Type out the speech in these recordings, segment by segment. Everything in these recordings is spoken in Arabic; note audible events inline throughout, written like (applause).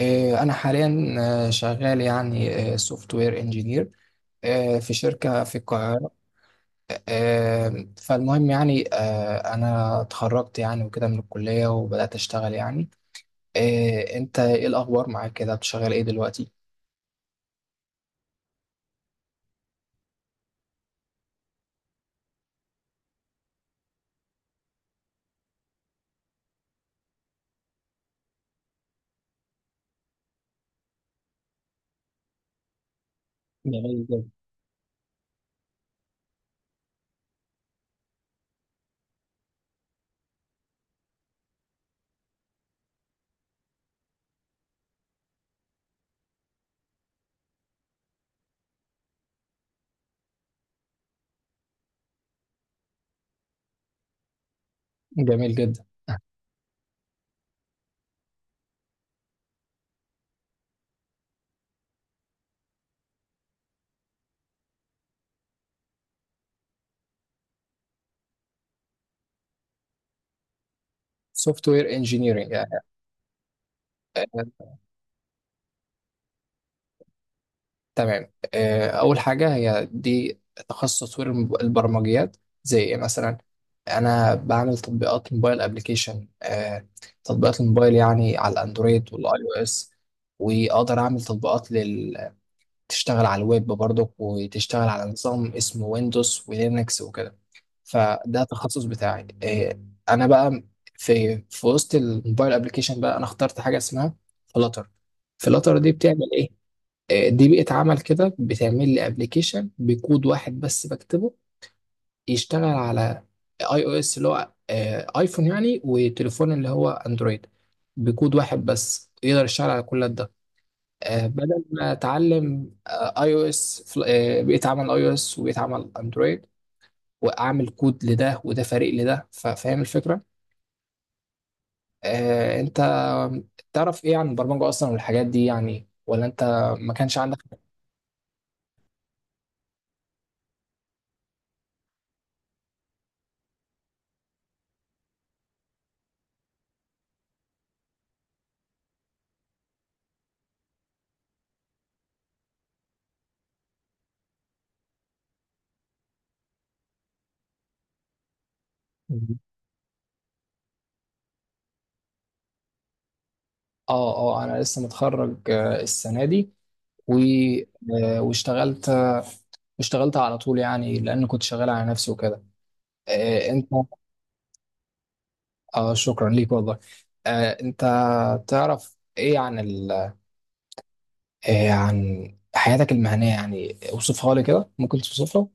أنا حاليا شغال يعني سوفت وير انجينير في شركة في القاهرة. فالمهم يعني أنا اتخرجت يعني وكده من الكلية وبدأت أشتغل يعني. أنت إيه الأخبار معاك كده بتشغل إيه دلوقتي؟ جميل جدا، جميل جدا. (laughs) سوفت وير انجينيرنج. تمام. أول حاجة هي دي تخصص تطوير البرمجيات. زي إيه مثلا؟ أنا بعمل تطبيقات موبايل أبليكيشن. تطبيقات الموبايل يعني على الأندرويد والآي أو إس. وأقدر أعمل تطبيقات تشتغل على الويب برضك، وتشتغل على نظام اسمه ويندوز ولينكس وكده. فده التخصص بتاعي. أنا بقى في وسط الموبايل أبليكيشن، بقى أنا اخترت حاجة اسمها فلاتر. فلاتر دي بتعمل إيه؟ دي بيئة عمل كده بتعمل لي ابلكيشن بكود واحد بس بكتبه، يشتغل على اي او اس اللي هو ايفون يعني، وتليفون اللي هو اندرويد. بكود واحد بس يقدر يشتغل على كل ده. بدل ما اتعلم اي او اس، بيئة عمل اي او اس وبيئة عمل اندرويد، واعمل كود لده وده فريق لده. فاهم الفكرة؟ انت تعرف ايه عن البرمجة اصلا والحاجات دي يعني؟ ولا انت ما كانش عندك؟ اه، انا لسه متخرج السنه دي، و آه، واشتغلت واشتغلت على طول يعني، لان كنت شغال على نفسي وكده. آه، انت اه، شكرا ليك والله. انت تعرف ايه عن عن حياتك المهنيه؟ يعني اوصفها لي كده، ممكن توصفها؟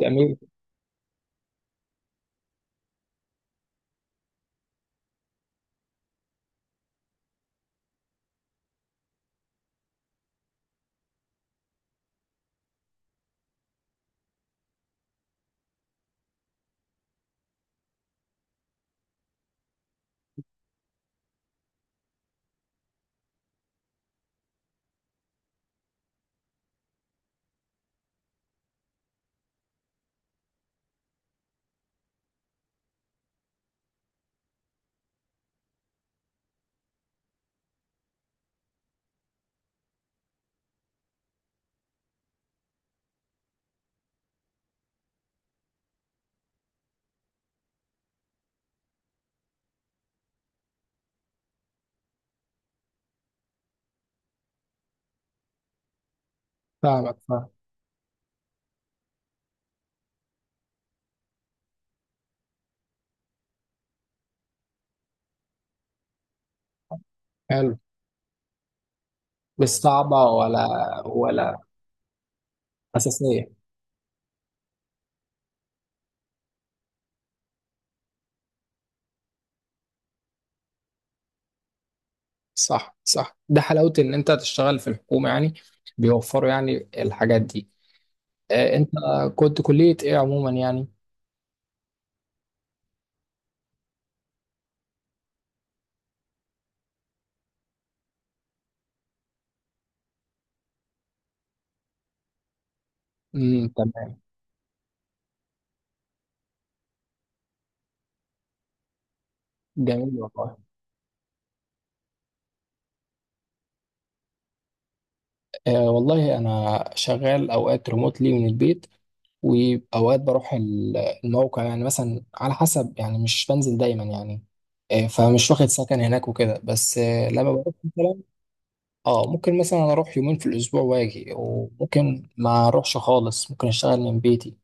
جميل. فاهمك، فاهم. حلو. مش صعبه، ولا اساسيه؟ صح، صح. ده حلاوه ان انت تشتغل في الحكومه يعني، بيوفروا يعني الحاجات دي. انت كنت كلية ايه عموما يعني؟ امم، تمام. جميل والله. والله انا شغال اوقات ريموتلي من البيت، واوقات بروح الموقع، يعني مثلا على حسب، يعني مش بنزل دايما يعني. فمش واخد سكن هناك وكده، بس لما بروح مثلا. اه، ممكن مثلا اروح يومين في الاسبوع واجي، وممكن ما اروحش خالص، ممكن اشتغل من بيتي.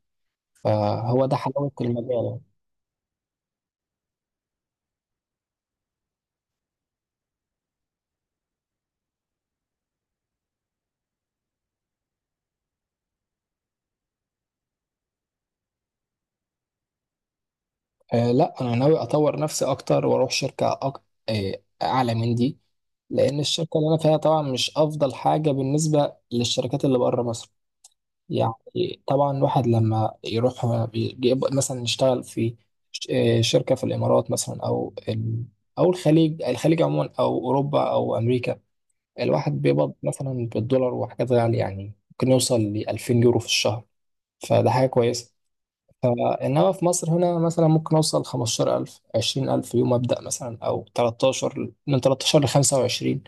فهو ده حلاوة المجال يعني. لا، انا ناوي اطور نفسي اكتر واروح شركه أك... آه اعلى من دي. لان الشركه اللي انا فيها طبعا مش افضل حاجه بالنسبه للشركات اللي بره مصر. يعني طبعا الواحد لما يروح يبقى مثلا يشتغل في شركه في الامارات مثلا، او الخليج. الخليج عموما، او اوروبا او امريكا. الواحد بيقبض مثلا بالدولار وحاجات غاليه، يعني ممكن يوصل ل 2000 يورو في الشهر. فده حاجه كويسه. فإنما في مصر هنا مثلا ممكن أوصل 15000، 20000 يوم أبدأ مثلا، أو 13، من 13 ل 25.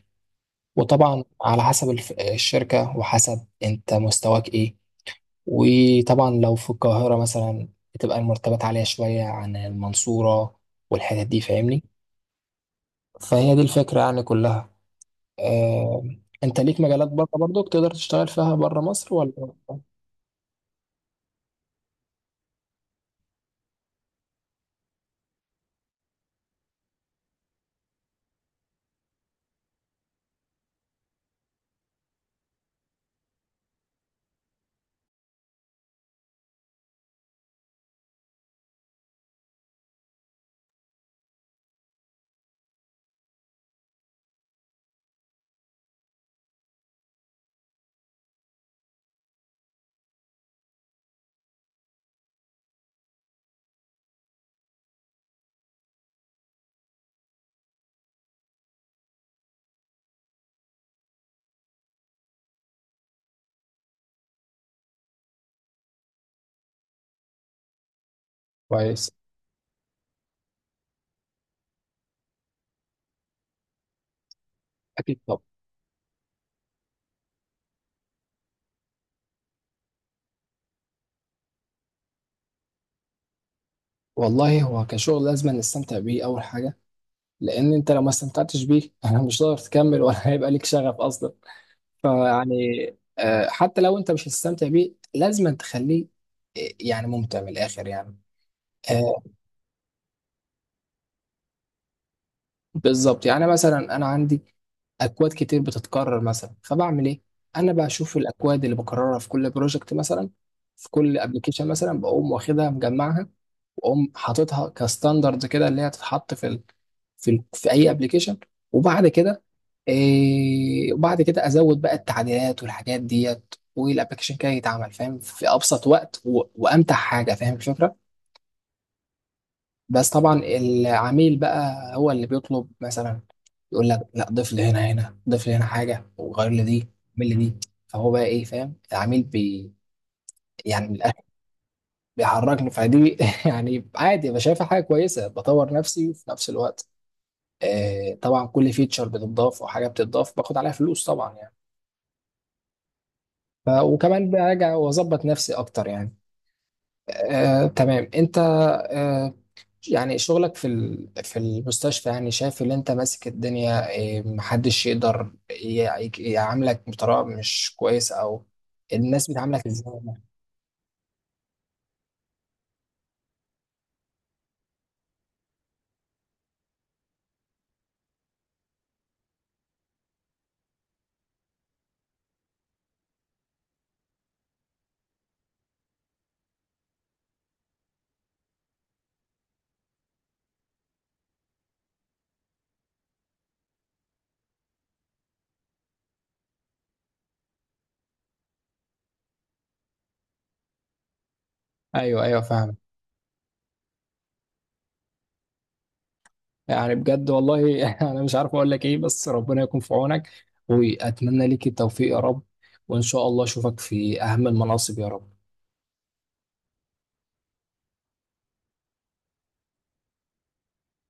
وطبعا على حسب الشركة، وحسب أنت مستواك إيه. وطبعا لو في القاهرة مثلا بتبقى المرتبات عالية شوية عن المنصورة والحتت دي، فاهمني. فهي دي الفكرة يعني كلها. آه، أنت ليك مجالات بره برضك تقدر تشتغل فيها بره مصر ولا؟ كويس. أكيد طبعا. والله هو كشغل لازم نستمتع بيه أول حاجة، لان انت لو ما استمتعتش بيه (laughs) مش هتقدر تكمل، ولا هيبقى ليك شغف اصلا، فيعني. حتى لو انت مش هتستمتع بيه لازم تخليه يعني ممتع من الاخر يعني. آه، بالظبط. يعني مثلا انا عندي اكواد كتير بتتكرر مثلا، فبعمل ايه؟ انا بشوف الاكواد اللي بكررها في كل بروجكت مثلا، في كل ابلكيشن مثلا، بقوم واخدها مجمعها. واقوم حاططها كستاندرد كده، اللي هي تتحط في اي ابلكيشن. وبعد كده وبعد كده ازود بقى التعديلات والحاجات ديت، والابلكيشن كده يتعمل فاهم في ابسط وقت وامتع حاجه، فاهم الفكره؟ بس طبعا العميل بقى هو اللي بيطلب، مثلا يقول لك لا، ضيف لي هنا، هنا ضيف لي هنا حاجه، وغير لي دي، اعمل لي دي. فهو بقى ايه، فاهم، العميل بي يعني من الآخر. بيحركني، فدي (laughs) يعني عادي، بشايفها حاجه كويسه، بطور نفسي وفي نفس الوقت. طبعا كل فيتشر بتضاف او حاجه بتضاف باخد عليها فلوس طبعا يعني. وكمان براجع واظبط نفسي اكتر يعني. تمام. انت آه، يعني شغلك في في المستشفى، يعني شايف ان انت ماسك الدنيا، محدش يقدر يعاملك بطريقه مش كويسه، او الناس بتعاملك ازاي؟ ايوه، ايوه، فاهم. يعني بجد والله (laughs) انا مش عارف اقول لك ايه، بس ربنا يكون في عونك، واتمنى ليك التوفيق يا رب، وان شاء الله اشوفك في اهم المناصب يا رب.